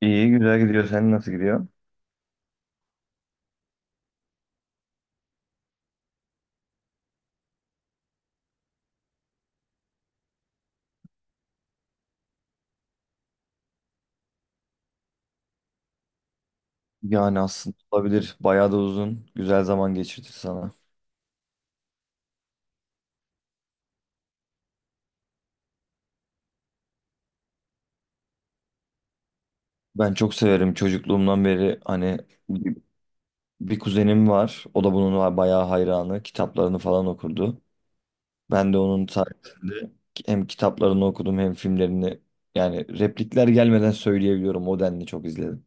İyi güzel gidiyor. Sen nasıl gidiyor? Yani aslında olabilir. Bayağı da uzun. Güzel zaman geçirdi sana. Ben çok severim çocukluğumdan beri hani bir bir kuzenim var. O da bunun var bayağı hayranı. Kitaplarını falan okurdu. Ben de onun sayesinde hem kitaplarını okudum hem filmlerini yani replikler gelmeden söyleyebiliyorum. O denli çok izledim.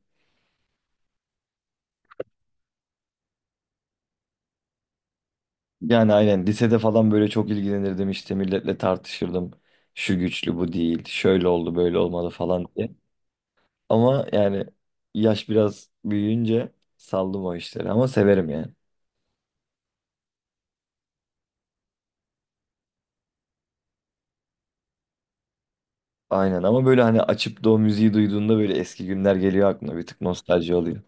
Yani aynen lisede falan böyle çok ilgilenirdim, işte milletle tartışırdım. Şu güçlü bu değil. Şöyle oldu, böyle olmalı falan diye. Ama yani yaş biraz büyüyünce saldım o işleri ama severim yani. Aynen, ama böyle hani açıp da o müziği duyduğunda böyle eski günler geliyor aklına, bir tık nostalji oluyor.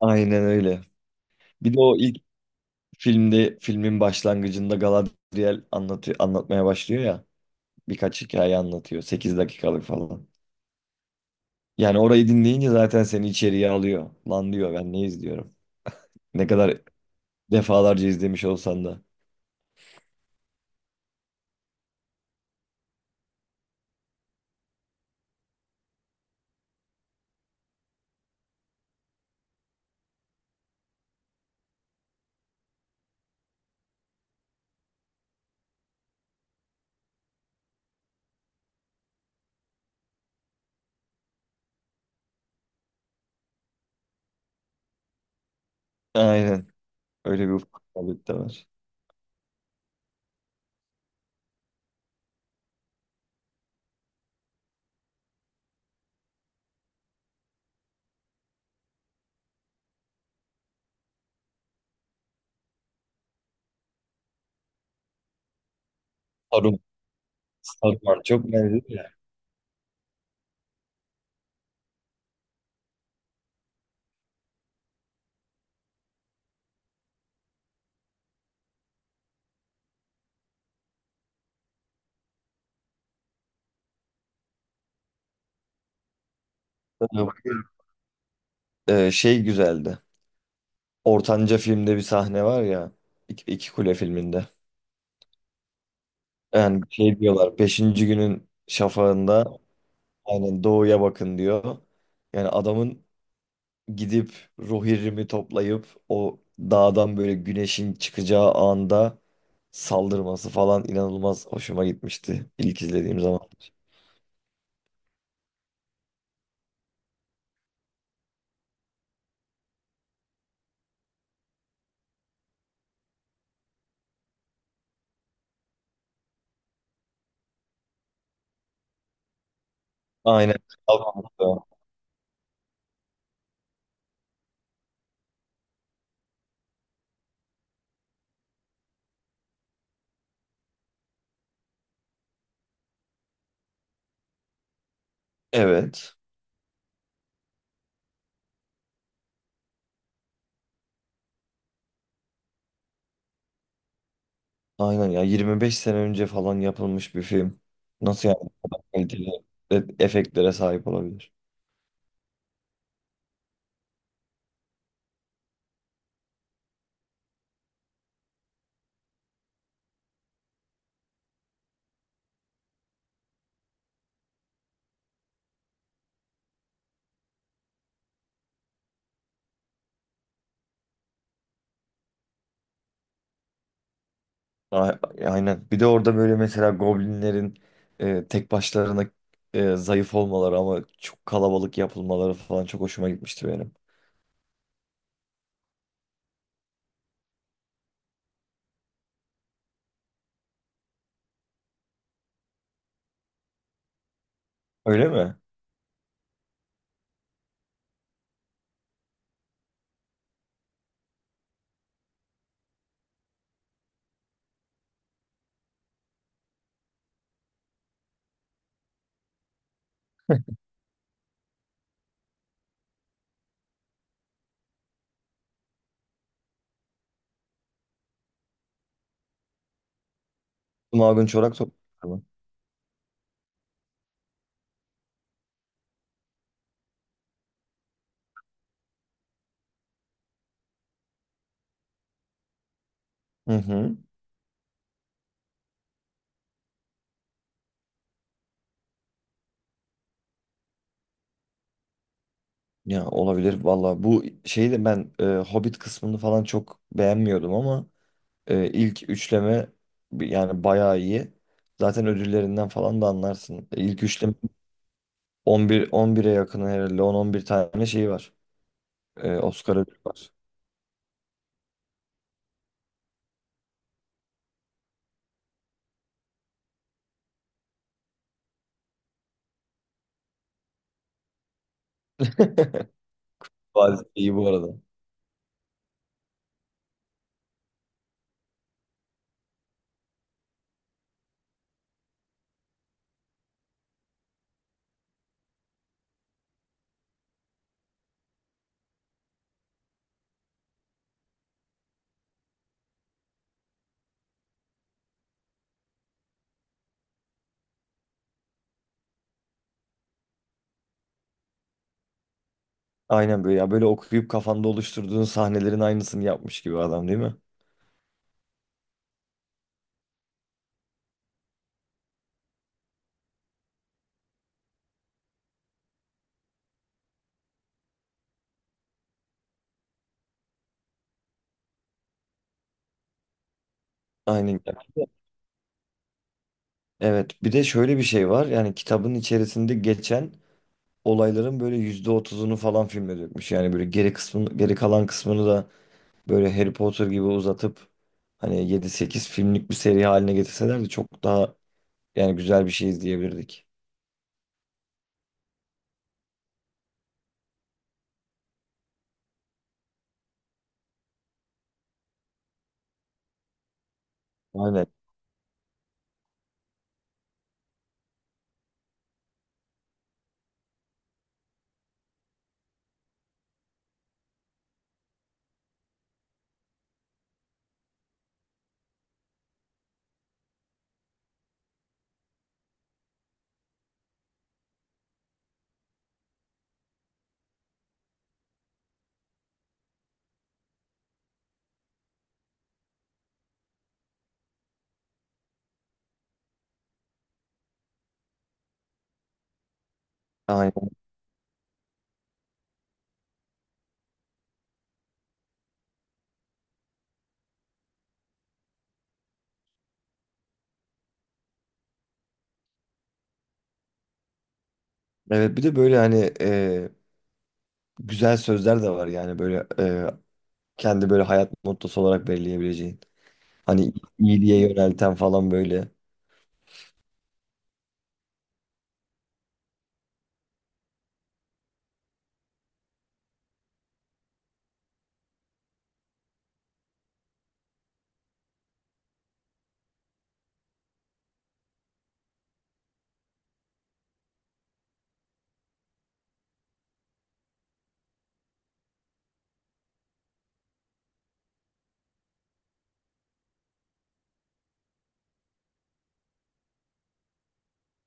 Aynen öyle. Bir de o ilk filmde, filmin başlangıcında Galadriel anlatıyor, anlatmaya başlıyor ya. Birkaç hikaye anlatıyor, 8 dakikalık falan. Yani orayı dinleyince zaten seni içeriye alıyor. Lan diyor, ben ne izliyorum. Ne kadar defalarca izlemiş olsan da. Aynen. Öyle bir ufaklık da var. Satranç çok benziyor ya. Tabii. Şey güzeldi. Ortanca filmde bir sahne var ya. İki Kule filminde. Yani şey diyorlar. Beşinci günün şafağında aynen doğuya bakın diyor. Yani adamın gidip ruh irimi toplayıp o dağdan böyle güneşin çıkacağı anda saldırması falan inanılmaz hoşuma gitmişti ilk izlediğim zaman. Aynen. Kalmamıştı. Evet. Aynen ya, 25 sene önce falan yapılmış bir film. Nasıl yani bu kadar kaliteli efektlere sahip olabilir? A- Aynen. Bir de orada böyle mesela goblinlerin tek başlarına zayıf olmaları ama çok kalabalık yapılmaları falan çok hoşuma gitmişti benim. Öyle mi? Magun Çorak Toprakları mı? Hı hı. Ya olabilir valla. Bu şeyi de ben Hobbit kısmını falan çok beğenmiyordum ama ilk üçleme yani bayağı iyi. Zaten ödüllerinden falan da anlarsın. İlk üçleme 11'e yakın herhalde, on on bir tane şey var. Oscar ödülü var. Bazı iyi bu arada. Aynen, böyle ya, böyle okuyup kafanda oluşturduğun sahnelerin aynısını yapmış gibi adam, değil mi? Aynen. Evet, bir de şöyle bir şey var, yani kitabın içerisinde geçen olayların böyle %30'unu falan filme dökmüş. Yani böyle geri kısmını, geri kalan kısmını da böyle Harry Potter gibi uzatıp hani yedi sekiz filmlik bir seri haline getirselerdi çok daha yani güzel bir şey izleyebilirdik. Aynen. Aynen. Evet, bir de böyle hani güzel sözler de var, yani böyle kendi böyle hayat mottosu olarak belirleyebileceğin. Hani iyiliğe yönelten falan böyle.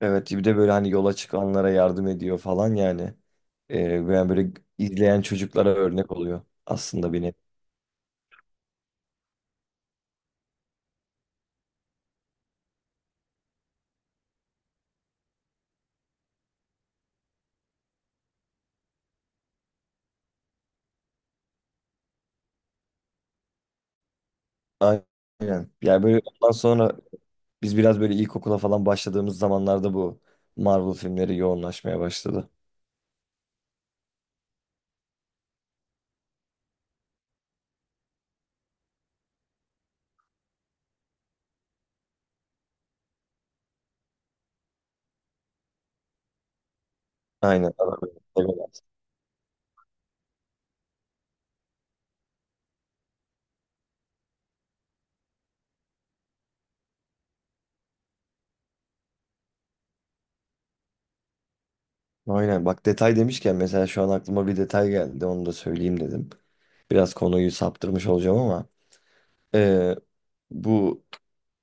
Evet, bir de böyle hani yola çıkanlara yardım ediyor falan yani. Yani böyle izleyen çocuklara örnek oluyor aslında, bir nevi. Aynen. Yani böyle ondan sonra biz biraz böyle ilkokula falan başladığımız zamanlarda bu Marvel filmleri yoğunlaşmaya başladı. Aynen. Arabayı seviyorlar. Aynen. Bak, detay demişken mesela şu an aklıma bir detay geldi. Onu da söyleyeyim dedim. Biraz konuyu saptırmış olacağım ama eee, bu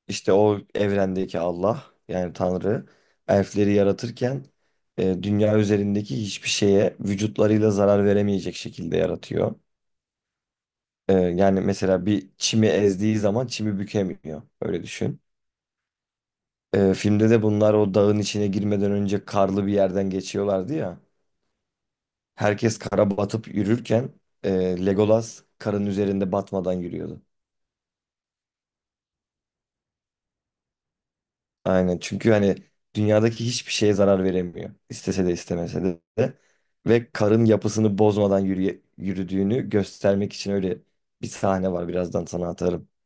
işte, o evrendeki Allah, yani Tanrı, elfleri yaratırken dünya üzerindeki hiçbir şeye vücutlarıyla zarar veremeyecek şekilde yaratıyor. Yani mesela bir çimi ezdiği zaman çimi bükemiyor. Öyle düşün. Filmde de bunlar o dağın içine girmeden önce karlı bir yerden geçiyorlardı ya. Herkes kara batıp yürürken Legolas karın üzerinde batmadan yürüyordu. Aynen, çünkü hani dünyadaki hiçbir şeye zarar veremiyor. İstese de istemese de. Ve karın yapısını bozmadan yürüdüğünü göstermek için öyle bir sahne var. Birazdan sana atarım.